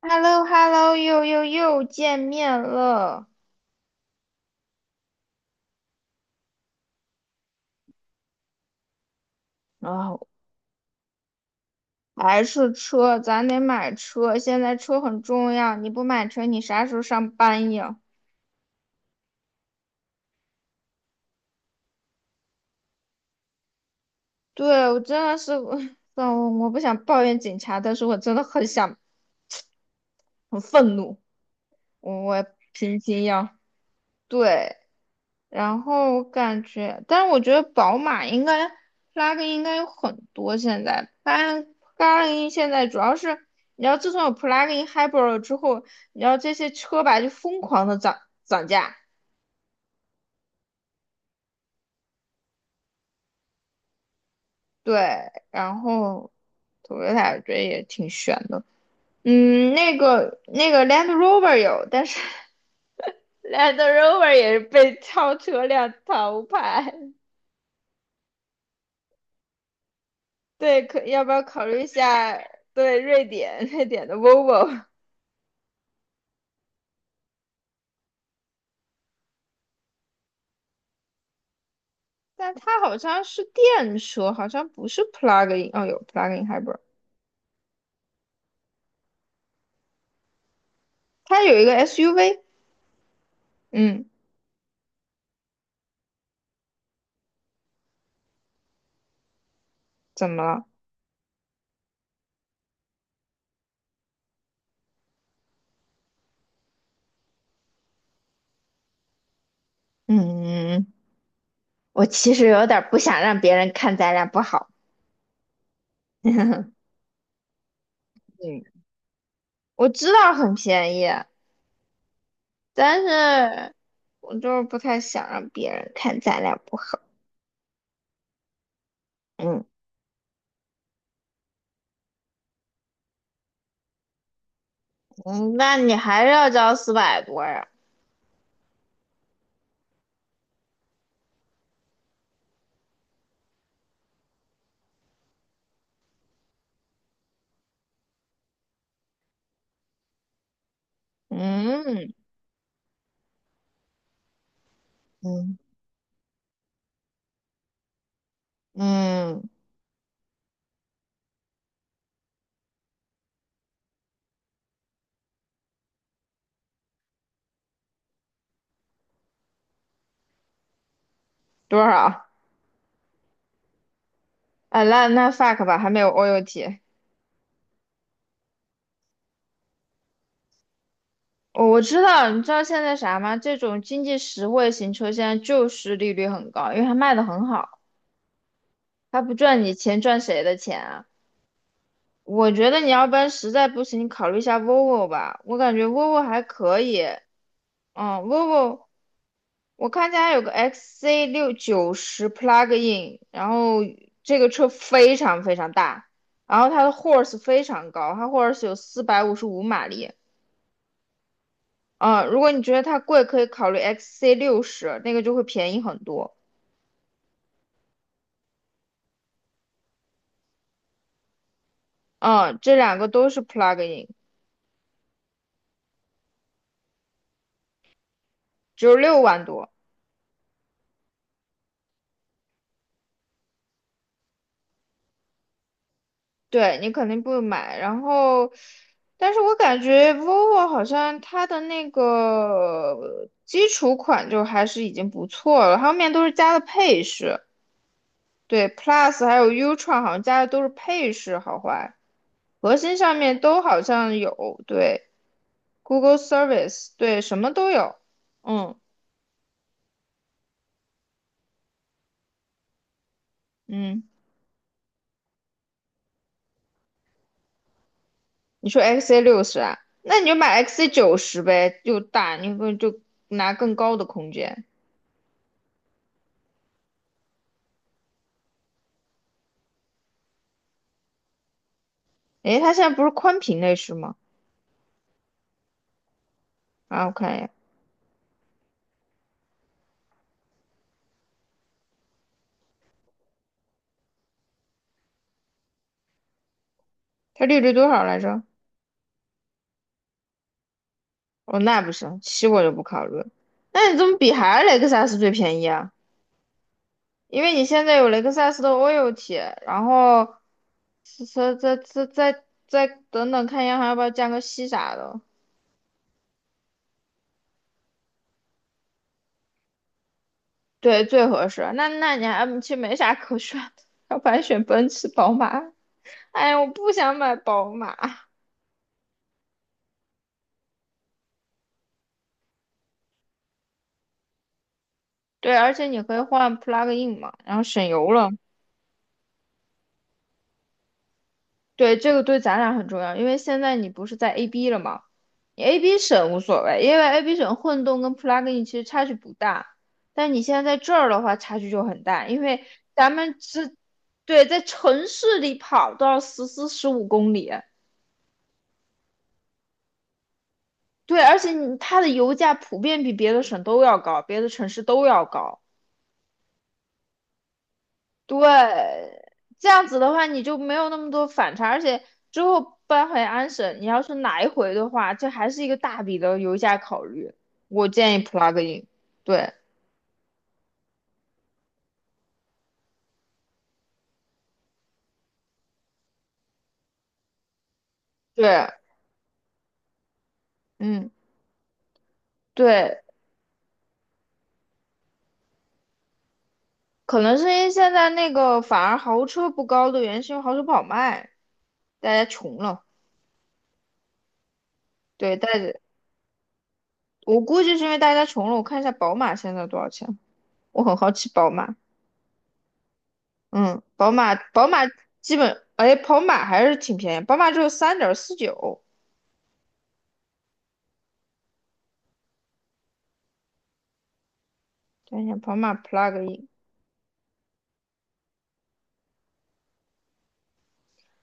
h e l l o h e l l o 又见面了。然后还是车，咱得买车，现在车很重要，你不买车，你啥时候上班呀？对，我真的是，算了，我不想抱怨警察，但是我真的很想，很愤怒，我平平要，对，然后感觉，但是我觉得宝马应该拉丁应该有很多。现在但 p l u g 拉丁现在主要是，你知道自从有 plug-in hybrid 了之后，你知道这些车吧就疯狂的涨价。对，然后 Toyota 我觉得也挺悬的。嗯，那个 Land Rover 有，但是 Land Rover 也是被超车辆淘汰。对，可要不要考虑一下？对，瑞典的 Volvo。但它好像是电车，好像不是 plug-in。哦，有 plug-in hybrid，它有一个 SUV。嗯，怎么了？嗯，我其实有点儿不想让别人看咱俩不好。嗯，我知道很便宜，但是我就是不太想让别人看咱俩不好。嗯。嗯，那你还是要交400多呀？嗯。嗯。嗯，多少？啊，那 fuck 吧，还没有 OUT。哦，我知道，你知道现在啥吗？这种经济实惠型车现在就是利率很高，因为它卖的很好，它不赚你钱，赚谁的钱啊？我觉得你要不然实在不行，你考虑一下 Volvo 吧，我感觉 Volvo 还可以。嗯，Volvo，我看见还有个 XC 六九十 Plug-in，然后这个车非常非常大，然后它的 horse 非常高，它 horse 有455马力。嗯，如果你觉得它贵，可以考虑 XC 六十，那个就会便宜很多。嗯，这两个都是 plug-in，只有6万多，对你肯定不买。然后，但是我感觉 vivo 好像它的那个基础款就还是已经不错了，后面都是加的配饰，对，Plus 还有 Ultra 好像加的都是配饰，好坏，核心上面都好像有，对，Google Service，对，什么都有，嗯。嗯。你说 XA 六十啊？那你就买 XA 九十呗，又大，你不就拿更高的空间？诶，它现在不是宽屏内饰吗？啊，我看一眼，它利率多少来着？哦，那不行，七我就不考虑了。那你怎么比还是雷克萨斯最便宜啊？因为你现在有雷克萨斯的 o i l t 然后再等等看一下，还要不要降个息啥的？对，最合适。那那你还其实没啥可选的，要不然选奔驰、宝马。哎，呀，我不想买宝马。对，而且你可以换 plug in 嘛，然后省油了。对，这个对咱俩很重要，因为现在你不是在 AB 了吗？你 AB 省无所谓，因为 AB 省混动跟 plug in 其实差距不大，但你现在在这儿的话差距就很大，因为咱们是，对在城市里跑都要14、15公里，对，而且你它的油价普遍比别的省都要高，别的城市都要高。对，这样子的话你就没有那么多反差，而且之后搬回安省，你要是来回的话，这还是一个大笔的油价考虑。我建议 plug in，对，对，嗯，对，可能是因为现在那个反而豪车不高的原因，是因为豪车不好卖，大家穷了。对，大家，我估计是因为大家穷了。我看一下宝马现在多少钱，我很好奇宝马。嗯，宝马基本，哎，宝马还是挺便宜，宝马只有3.49。等一下，宝马 plug in，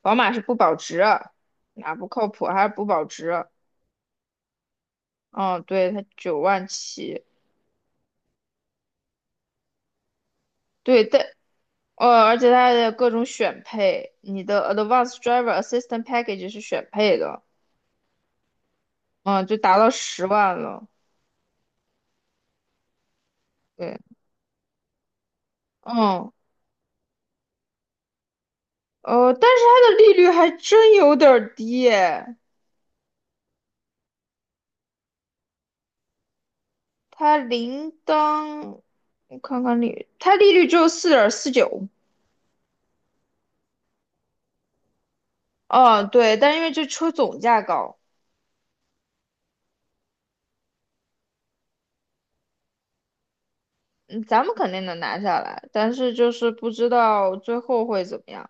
宝马是不保值啊，哪不靠谱？还是不保值啊？嗯，对，它9万起，对，但呃，而且它的各种选配，你的 Advanced Driver Assistant Package 是选配的，嗯，就达到十万了，对，嗯，呃，但是它的利率还真有点儿低耶，它零当，我看看利，它利率只有4.49，嗯，对，但因为这车总价高，嗯，咱们肯定能拿下来，但是就是不知道最后会怎么样。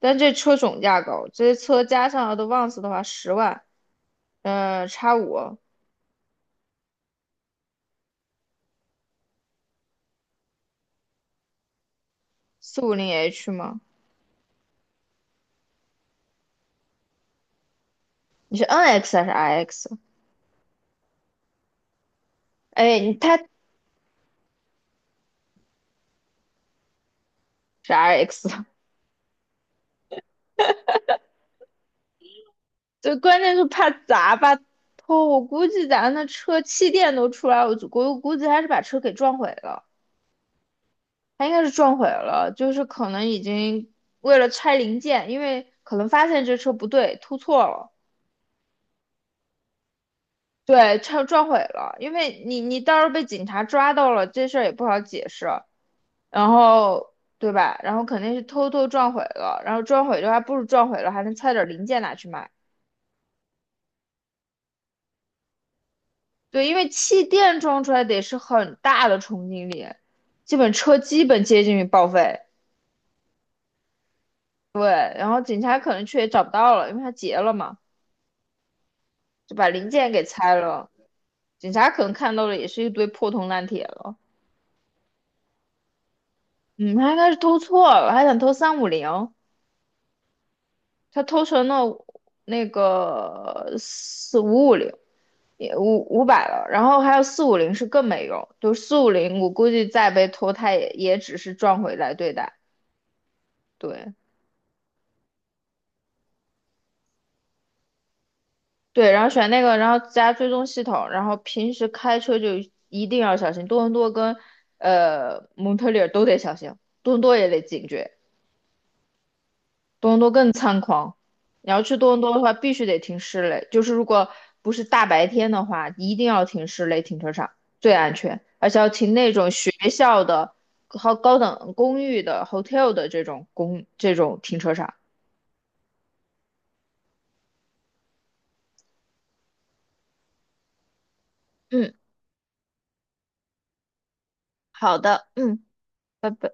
但这车总价高，这些车加上 Advance 的话，十万，嗯、叉五四五零 H 吗？你是 NX 还是 RX？哎，你它是 RX，这关键是怕砸吧？偷。我估计咱的车气垫都出来，我就估计还是把车给撞毁了，他应该是撞毁了，就是可能已经为了拆零件，因为可能发现这车不对，突错了。对，撞毁了，因为你到时候被警察抓到了，这事儿也不好解释，然后对吧？然后肯定是偷偷撞毁了，然后撞毁的话，不如撞毁了还能拆点零件拿去卖。对，因为气垫撞出来得是很大的冲击力，基本车基本接近于报废。对，然后警察可能去也找不到了，因为他结了嘛，就把零件给拆了。警察可能看到的也是一堆破铜烂铁了。嗯，他应该是偷错了，还想偷350。他偷成了那个4550，也五百了，然后还有四五零是更没用，就四五零我估计再被偷，他也只是赚回来对待，对，对，然后选那个，然后加追踪系统，然后平时开车就一定要小心，多伦多跟呃蒙特利尔都得小心，多伦多也得警觉，多伦多更猖狂。你要去多伦多的话，必须得停室内，就是如果不是大白天的话，一定要停室内停车场，最安全，而且要停那种学校的、高等公寓的、hotel 的这种公这种停车场。嗯，好的，嗯。拜拜。